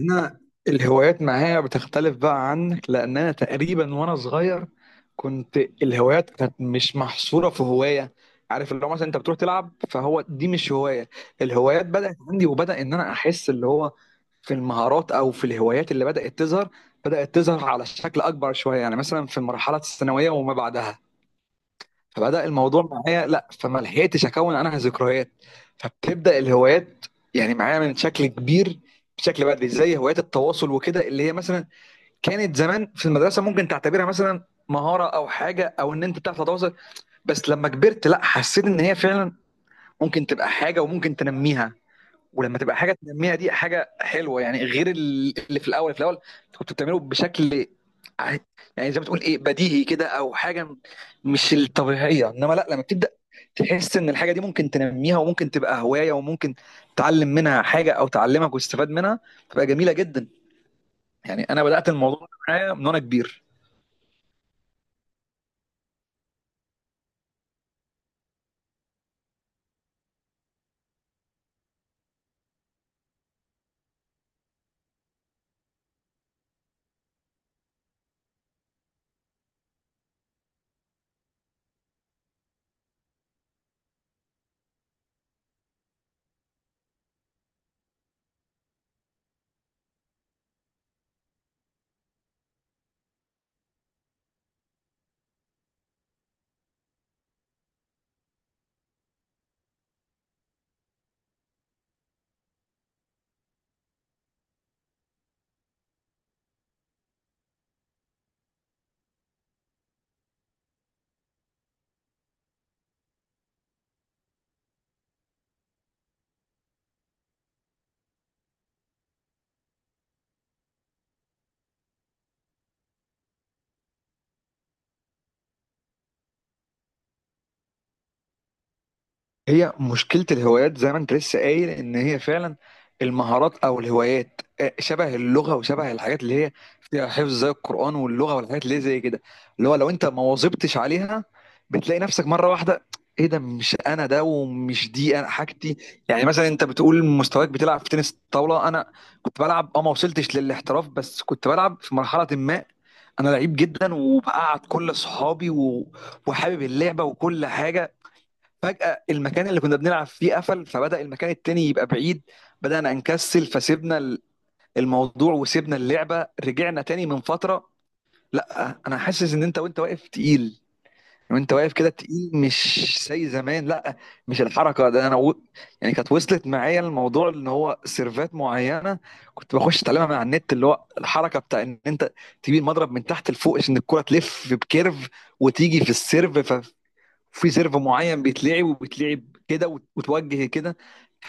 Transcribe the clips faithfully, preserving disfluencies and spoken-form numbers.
انا، الهوايات معايا بتختلف بقى عنك. لان انا تقريبا وانا صغير كنت الهوايات كانت مش محصوره في هوايه. عارف، اللي هو مثلا انت بتروح تلعب فهو دي مش هوايه. الهوايات بدات عندي، وبدا ان انا احس اللي هو في المهارات او في الهوايات اللي بدات تظهر، بدات تظهر على شكل اكبر شويه. يعني مثلا في المرحله الثانويه وما بعدها فبدأ الموضوع معايا، لا فما لحقتش اكون انا ذكريات، فبتبدأ الهوايات يعني معايا من شكل كبير، بشكل بدري. زي هوايات التواصل وكده، اللي هي مثلا كانت زمان في المدرسة ممكن تعتبرها مثلا مهارة او حاجة، او ان انت بتعرف تتواصل. بس لما كبرت، لا حسيت ان هي فعلا ممكن تبقى حاجة وممكن تنميها. ولما تبقى حاجه تنميها دي حاجه حلوه، يعني غير ال- اللي في الاول في الاول انت كنت بتعمله بشكل، ع- يعني زي ما تقول ايه، بديهي كده، او حاجه م- مش الطبيعيه. انما لا، لما بتبدا تحس ان الحاجه دي ممكن تنميها وممكن تبقى هوايه وممكن تعلم منها حاجه او تعلمك وتستفاد منها، تبقى جميله جدا. يعني انا بدات الموضوع معايا من وانا كبير. هي مشكلة الهوايات زي ما انت لسه قايل، ان هي فعلا المهارات او الهوايات آه، شبه اللغة وشبه الحاجات اللي هي فيها حفظ زي القرآن واللغة والحاجات اللي هي زي كده. اللي هو لو انت ما واظبتش عليها بتلاقي نفسك مرة واحدة، ايه ده؟ مش انا ده، ومش دي انا حاجتي. يعني مثلا انت بتقول مستواك بتلعب في تنس طاولة، انا كنت بلعب، اه ما وصلتش للاحتراف بس كنت بلعب. في مرحلة ما انا لعيب جدا، وبقعد كل اصحابي و... وحابب اللعبة وكل حاجة. فجأة المكان اللي كنا بنلعب فيه قفل، فبدأ المكان التاني يبقى بعيد، بدأنا نكسل فسيبنا ال- الموضوع وسيبنا اللعبة. رجعنا تاني من فترة، لا أنا حاسس إن أنت، وأنت واقف تقيل وأنت واقف كده تقيل مش زي زمان. لا مش الحركة ده، أنا و... يعني كانت وصلت معايا الموضوع إن هو سيرفات معينة كنت بخش أتعلمها من على النت، اللي هو الحركة بتاع إن أنت تجيب المضرب من تحت لفوق عشان الكرة تلف بكيرف وتيجي في السيرف. في سيرف معين بيتلعب، وبيتلعب كده وت- وتوجه كده.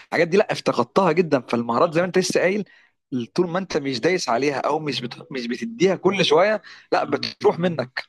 الحاجات دي لا افتقدتها جدا. فالمهارات زي ما انت لسه قايل، طول ما انت مش دايس عليها او مش بت... مش بتديها كل شويه، لا بتروح منك.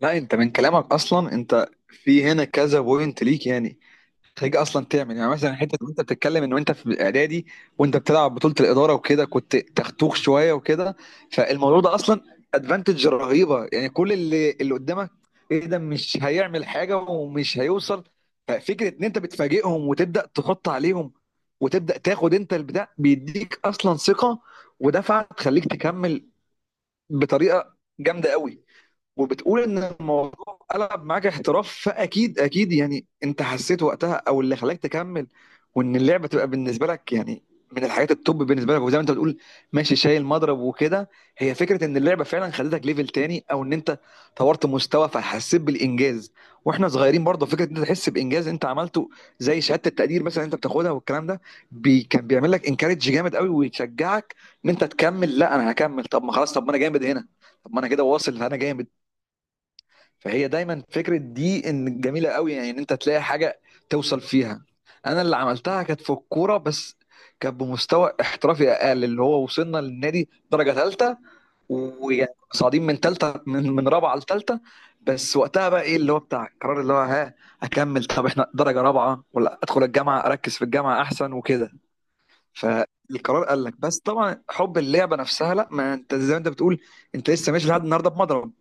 لا انت من كلامك اصلا، انت في هنا كذا بوينت ليك يعني. خليك اصلا تعمل يعني مثلا، حته وانت بتتكلم ان وانت في اعدادي وانت بتلعب بطوله الاداره وكده كنت تختوخ شويه وكده، فالموضوع ده اصلا ادفانتج رهيبه. يعني كل اللي اللي قدامك، ايه ده؟ مش هيعمل حاجه ومش هيوصل. ففكره ان انت بتفاجئهم وتبدا تحط عليهم، وتبدا تاخد انت البتاع بيديك، اصلا ثقه ودفعه تخليك تكمل بطريقه جامده قوي. وبتقول ان الموضوع قلب معاك احتراف، فاكيد اكيد يعني انت حسيت وقتها، او اللي خلاك تكمل وان اللعبه تبقى بالنسبه لك يعني من الحاجات التوب بالنسبه لك. وزي ما انت بتقول ماشي شايل مضرب وكده، هي فكره ان اللعبه فعلا خلتك ليفل تاني، او ان انت طورت مستوى فحسيت بالانجاز. واحنا صغيرين برضه فكره ان انت تحس بانجاز انت عملته، زي شهاده التقدير مثلا انت بتاخدها والكلام ده، بي كان بيعمل لك انكارج جامد قوي ويشجعك ان انت تكمل. لا انا هكمل، طب ما خلاص، طب ما انا جامد هنا، طب ما انا كده واصل، انا جامد. فهي دايما فكرة دي ان جميلة قوي، يعني ان انت تلاقي حاجة توصل فيها. انا اللي عملتها كانت في الكورة بس، كانت بمستوى احترافي اقل، اللي هو وصلنا للنادي درجة ثالثة. ويعني صاعدين من ثالثة، من من رابعة لثالثة. بس وقتها بقى ايه اللي هو بتاع القرار، اللي هو ها اكمل؟ طب احنا درجة رابعة، ولا ادخل الجامعة اركز في الجامعة احسن وكده. فالقرار قال لك بس، طبعا حب اللعبة نفسها لا، ما انت زي ما انت بتقول انت لسه ماشي لحد النهارده بمضرب.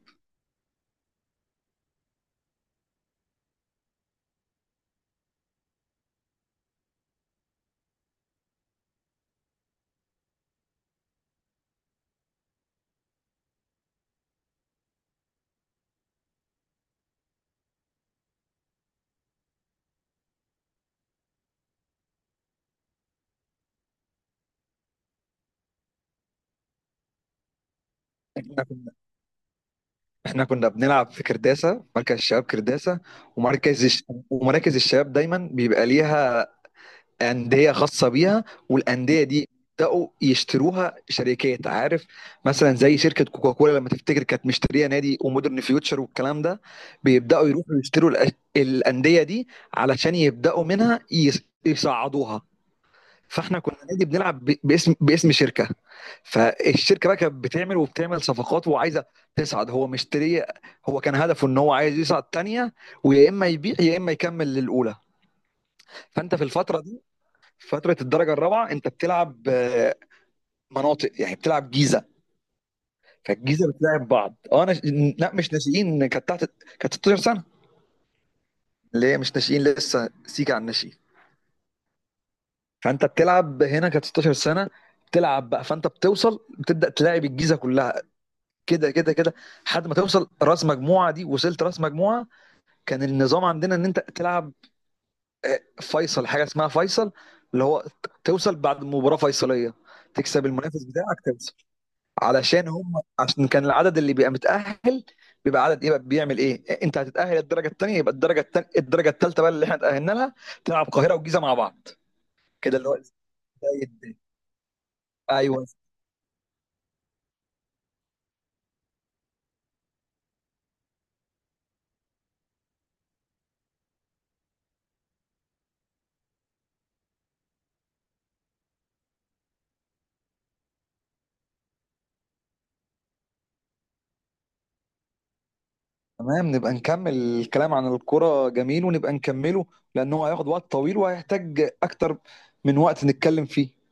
احنا كنا بنلعب في كرداسة، مركز الشباب كرداسة. ومركز الش... ومراكز الشباب دايما بيبقى ليها أندية خاصة بيها. والأندية دي بدأوا يشتروها شركات، عارف، مثلا زي شركة كوكاكولا لما تفتكر كانت مشترية نادي، ومودرن فيوتشر والكلام ده. بيبدأوا يروحوا يشتروا الأ- الأندية دي علشان يبدأوا منها يص- يصعدوها. فاحنا كنا نادي بنلعب ب- باسم باسم شركه. فالشركه بقى كانت بتعمل وبتعمل صفقات وعايزه تصعد، هو مشتري. هو كان هدفه ان هو عايز يصعد تانية، ويا اما يبيع يا اما يكمل للاولى. فانت في الفتره دي، فتره الدرجه الرابعه، انت بتلعب آه، مناطق، يعني بتلعب جيزه. فالجيزه بتلعب بعض. اه انا، لا مش ناشئين، كانت تحت، كانت ستاشر سنه اللي هي مش ناشئين لسه سيكا عن الناشئين. فانت بتلعب هنا كانت ستاشر سنه. بتلعب بقى فانت بتوصل بتبدا تلاعب الجيزه كلها كده كده كده، لحد ما توصل راس مجموعه. دي وصلت راس مجموعه، كان النظام عندنا ان انت تلعب آه، فيصل، حاجه اسمها فيصل، اللي هو ت- توصل بعد مباراه فيصليه، تكسب المنافس بتاعك توصل. علشان هم، عشان كان العدد اللي بيبقى متاهل بيبقى عدد ايه بقى، بيعمل ايه؟ انت هتتاهل الدرجه الثانيه. يبقى الدرجه التانية الدرجه الثالثه بقى اللي احنا اتاهلنا لها، تلعب القاهره والجيزه مع بعض. كده اللي هو زي الدنيا. ايوه تمام، نبقى نكمل الكلام عن الكرة، جميل ونبقى نكمله لأنه هياخد وقت طويل وهيحتاج أكتر من وقت نتكلم فيه.